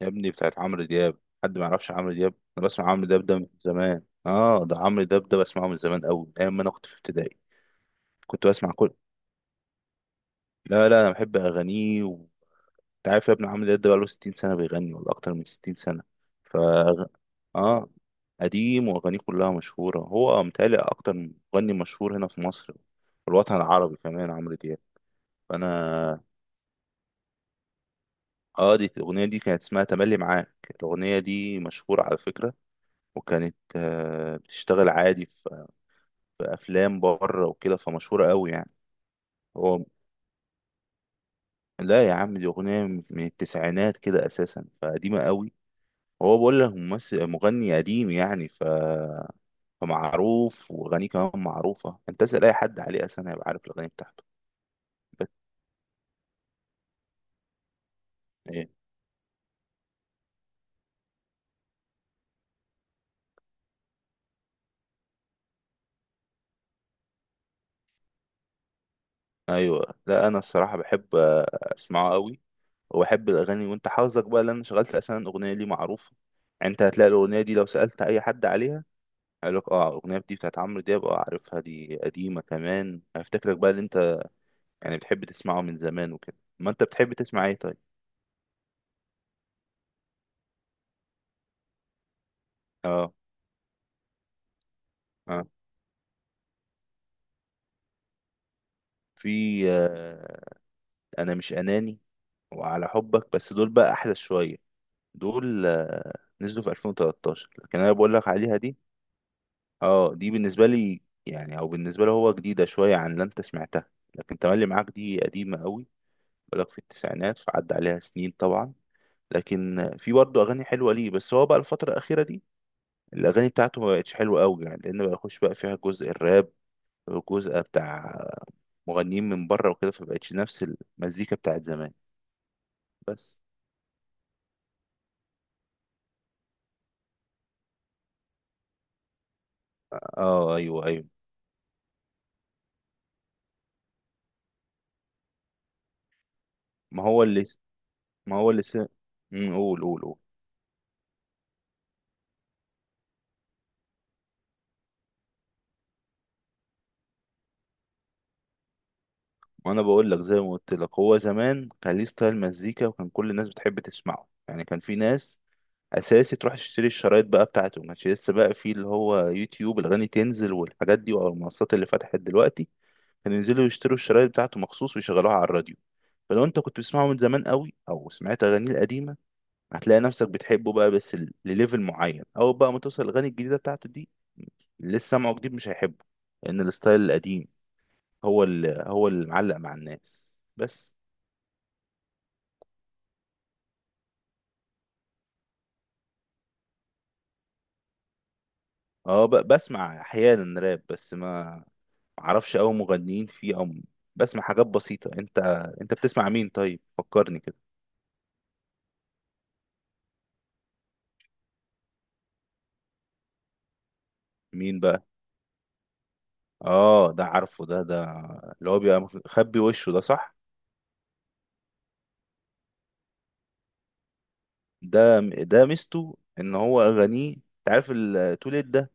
يا ابني، بتاعت عمرو دياب. حد ما يعرفش عمرو دياب؟ انا بسمع عمرو دياب ده من زمان، اه. ده عمرو دياب ده بسمعه من زمان قوي، من ايام ما انا كنت في ابتدائي. كنت بسمع كل. لا لا، انا بحب اغانيه. وانت عارف يا ابني، عمرو دياب ده بقاله 60 سنه بيغني، ولا اكتر من 60 سنه. ف اه قديم، واغانيه كلها مشهوره. هو متهيألي اكتر مغني مشهور هنا في مصر، في الوطن العربي كمان، عمرو دياب. فانا اه دي الاغنيه دي كانت اسمها تملي معاك. الاغنيه دي مشهوره على فكره. وكانت بتشتغل عادي في افلام بره وكده، فمشهوره قوي يعني. هو لا يا عم، دي اغنيه من التسعينات كده اساسا، فقديمه قوي. هو بقول لك ممثل مغني قديم يعني. فمعروف، واغانيه كمان معروفه. انت اسال اي حد عليه اساسا هيبقى عارف الاغاني بتاعته. بس، ايه؟ ايوه، لا، انا الصراحه بحب اسمعه قوي وبحب الاغاني. وانت حافظك بقى لان شغلت اساسا اغنيه ليه معروفه. يعني انت هتلاقي الاغنيه دي، لو سالت اي حد عليها هيقول لك: اه، الاغنيه دي بتاعت عمرو دياب، اه عارفها، دي قديمه كمان. هيفتكرك بقى اللي، يعني بتحب تسمعه من زمان وكده. ما انت، بتحب تسمع ايه طيب؟ اه اه في انا مش اناني وعلى حبك، بس دول بقى احدث شويه. دول، نزلوا في 2013. لكن انا بقول لك عليها دي. اه، دي بالنسبه لي يعني، او بالنسبه له هو، جديده شويه عن اللي انت سمعتها، لكن تملي معاك دي قديمه قوي. بقول لك في التسعينات، فعدى عليها سنين طبعا. لكن في برضه اغاني حلوه ليه. بس هو بقى الفتره الاخيره دي، الاغاني بتاعته ما بقتش حلوه قوي يعني، لان بقى يخش بقى فيها جزء الراب، الجزء بتاع مغنيين من بره وكده، فبقتش نفس المزيكا بتاعت زمان. بس، اه، ايوه، ايوه. ما هو اللي ما هو اللي س... قول قول قول. ما انا بقول لك زي ما قلت لك، هو زمان كان ليه ستايل مزيكا، وكان كل الناس بتحب تسمعه يعني. كان في ناس اساسي تروح تشتري الشرايط بقى بتاعته، ما كانش لسه بقى في اللي هو يوتيوب، الاغاني تنزل والحاجات دي، او المنصات اللي فتحت دلوقتي. كانوا ينزلوا يشتروا الشرايط بتاعته مخصوص ويشغلوها على الراديو. فلو انت كنت بتسمعه من زمان قوي او سمعت اغانيه القديمه، هتلاقي نفسك بتحبه بقى، بس لليفل معين، او بقى ما توصل الاغاني الجديده بتاعته دي، اللي لسه سامعه جديد مش هيحبه، لان الستايل القديم هو اللي معلق مع الناس. بس، بسمع احيانا راب، بس ما اعرفش اوي مغنيين فيه، بسمع حاجات بسيطه. انت بتسمع مين طيب؟ فكرني كده. مين بقى؟ اه، ده عارفه. ده اللي هو بيبقى مخبي وشه ده، صح؟ ده ميزته، ان هو اغانيه. انت عارف التوليد ده،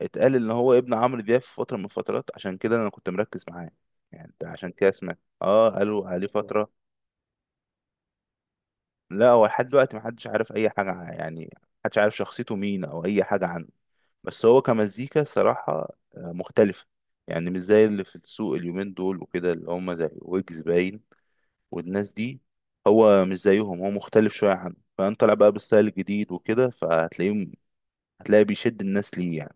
اتقال ان هو ابن عمرو دياب في فتره من الفترات، عشان كده انا كنت مركز معاه. يعني ده عشان كده سمعت، اه، قالوا عليه فتره. لا، هو لحد دلوقتي محدش عارف اي حاجه، يعني محدش عارف شخصيته مين او اي حاجه عنه. بس هو كمزيكا صراحه مختلفه. يعني مش زي اللي في السوق اليومين دول وكده، اللي هم زي ويجز باين، والناس دي. هو مش زيهم، هو مختلف شويه عنه، فانت طالع بقى بالستايل الجديد وكده فهتلاقيه بيشد الناس ليه يعني.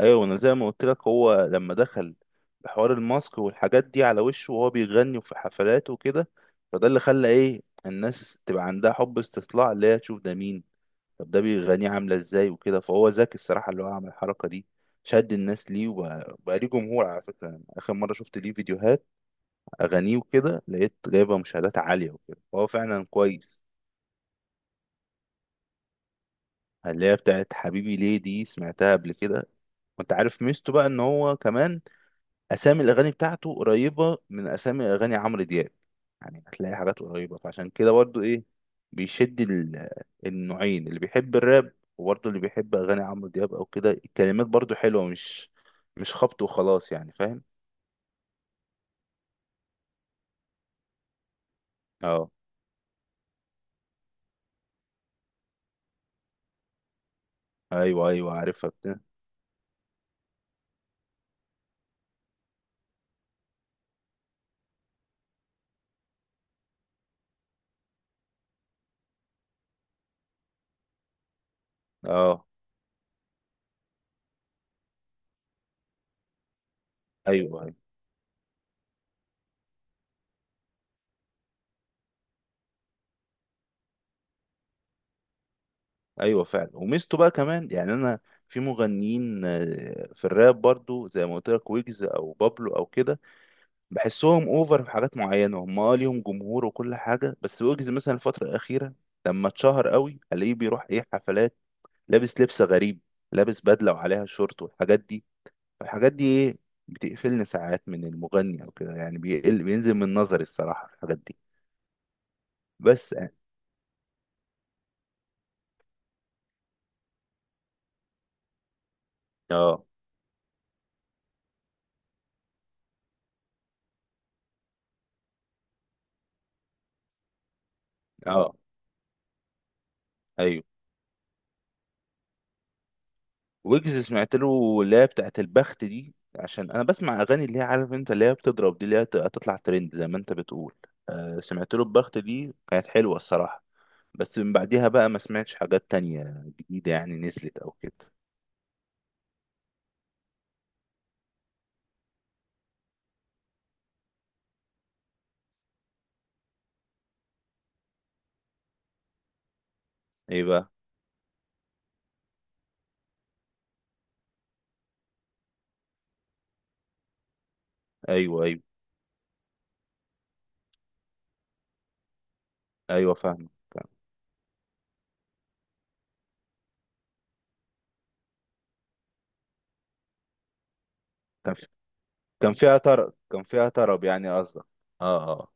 ايوه، انا زي ما قلت لك، هو لما دخل بحوار الماسك والحاجات دي على وشه وهو بيغني وفي حفلات وكده، فده اللي خلى، ايه، الناس تبقى عندها حب استطلاع، اللي هي تشوف ده مين، طب ده بيغنيه عامله ازاي وكده، فهو ذكي الصراحه، اللي هو عمل الحركه دي، شد الناس ليه، وبقى ليه جمهور على فكره. يعني اخر مره شفت ليه فيديوهات اغانيه وكده، لقيت جايبه مشاهدات عاليه وكده، فهو فعلا كويس. اللي هي بتاعت حبيبي ليه، دي سمعتها قبل كده. وانت عارف ميزته بقى، ان هو كمان اسامي الاغاني بتاعته قريبه من اسامي اغاني عمرو دياب. يعني هتلاقي حاجات قريبه، فعشان كده برضو ايه، بيشد النوعين، اللي بيحب الراب وبرضو اللي بيحب اغاني عمرو دياب او كده. الكلمات برضو حلوه، مش خبط وخلاص يعني، فاهم. اه، ايوه، ايوه، عارفها بتاع. اه، ايوه، ايوه، ايوه فعلا. وميزته بقى كمان يعني، انا في مغنيين في الراب برضو زي ما قلت لك، ويجز او بابلو او كده، بحسهم اوفر في حاجات معينه. هم، ليهم جمهور وكل حاجه. بس ويجز مثلا الفتره الاخيره لما اتشهر قوي، الاقيه بيروح، ايه، حفلات، لابس لبس غريب، لابس بدله وعليها شورت والحاجات دي. الحاجات دي، ايه، بتقفلني ساعات من المغني او كده يعني، بيقل، بينزل من نظري الصراحه في الحاجات دي. بس يعني، اه، اه، ايوه. ويجز سمعت له اللي هي بتاعت البخت دي، عشان انا بسمع اغاني اللي هي، عارف انت، اللي هي بتضرب دي، اللي هي هتطلع ترند زي ما انت بتقول. سمعت له البخت دي كانت حلوه الصراحه. بس من بعديها بقى ما سمعتش حاجات تانية جديدة يعني نزلت أو كده. إيه بقى؟ أيوه، أيوه، أيوه فاهم. كان في- كان فيها طرب، كان فيها طرب يعني قصدك. اه، اه،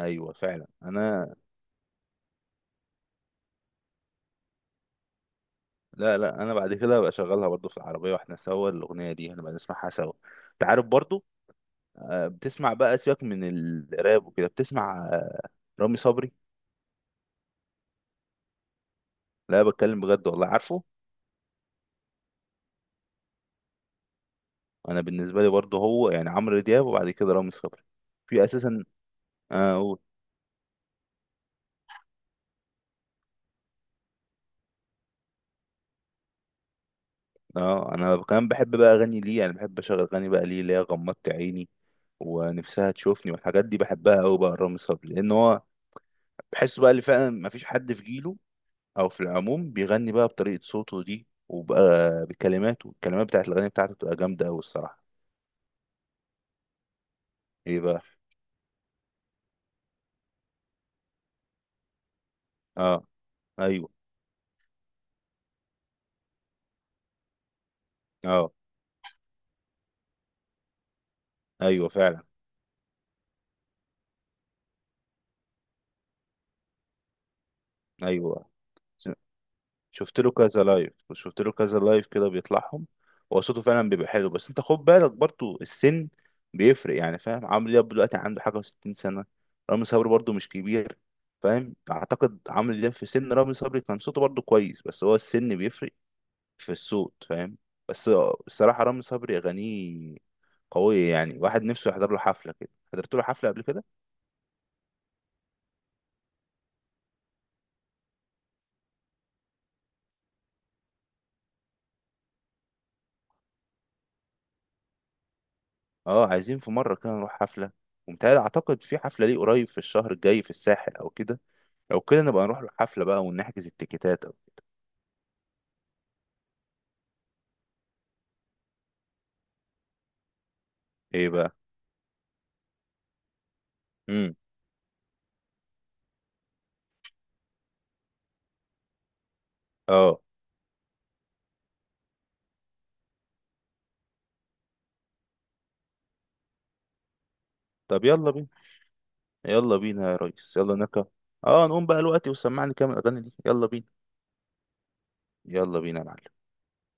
ايوه، فعلا، انا. لا لا، انا بعد كده بقى شغالها برضو في العربيه واحنا سوا، الاغنيه دي هنبقى نسمعها سوا. انت عارف برضو بتسمع بقى سيبك من الراب وكده، بتسمع رامي صبري. لا، بتكلم بجد والله عارفه. انا بالنسبه لي برضو هو يعني عمرو دياب، وبعد كده رامي صبري، في اساسا. قول. اه، انا كمان بحب بقى اغني ليه، انا بحب اشغل اغاني بقى ليه اللي هي غمضت عيني ونفسها تشوفني والحاجات دي، بحبها قوي بقى. رامي صبري لان هو بحسه بقى اللي فعلا ما فيش حد في جيله او في العموم بيغني بقى بطريقة صوته دي، وبقى بكلماته. الكلمات بتاعت الاغاني بتاعته بتبقى جامدة قوي الصراحة. ايه بقى؟ اه، ايوه. اه، ايوه فعلا، ايوه. شفت له كذا لايف وشفت له كذا لايف كده بيطلعهم. هو صوته فعلا بيبقى حلو، بس انت خد بالك برضو السن بيفرق، يعني فاهم، عمرو دياب دلوقتي عنده حاجة وستين سنة، رامي صبري برضو مش كبير. فاهم؟ اعتقد عمرو دياب في سن رامي صبري كان صوته برضو كويس، بس هو السن بيفرق في الصوت، فاهم. بس الصراحة رامي صبري أغانيه قوية، يعني واحد نفسه يحضر له حفلة كده، حضرت له حفلة قبل كده. اه، عايزين في مرة كده نروح حفلة، ومتهيألي أعتقد في حفلة ليه قريب في الشهر الجاي في الساحل أو كده. لو كده نبقى نروح الحفلة بقى ونحجز التيكيتات، أو إيه بقى؟ امم اه. طب يلا بينا، يلا بينا يا ريس، يلا نركب. اه، نقوم بقى الوقت، وسمعني كام الأغاني دي، يلا بينا. يلا بينا يا معلم.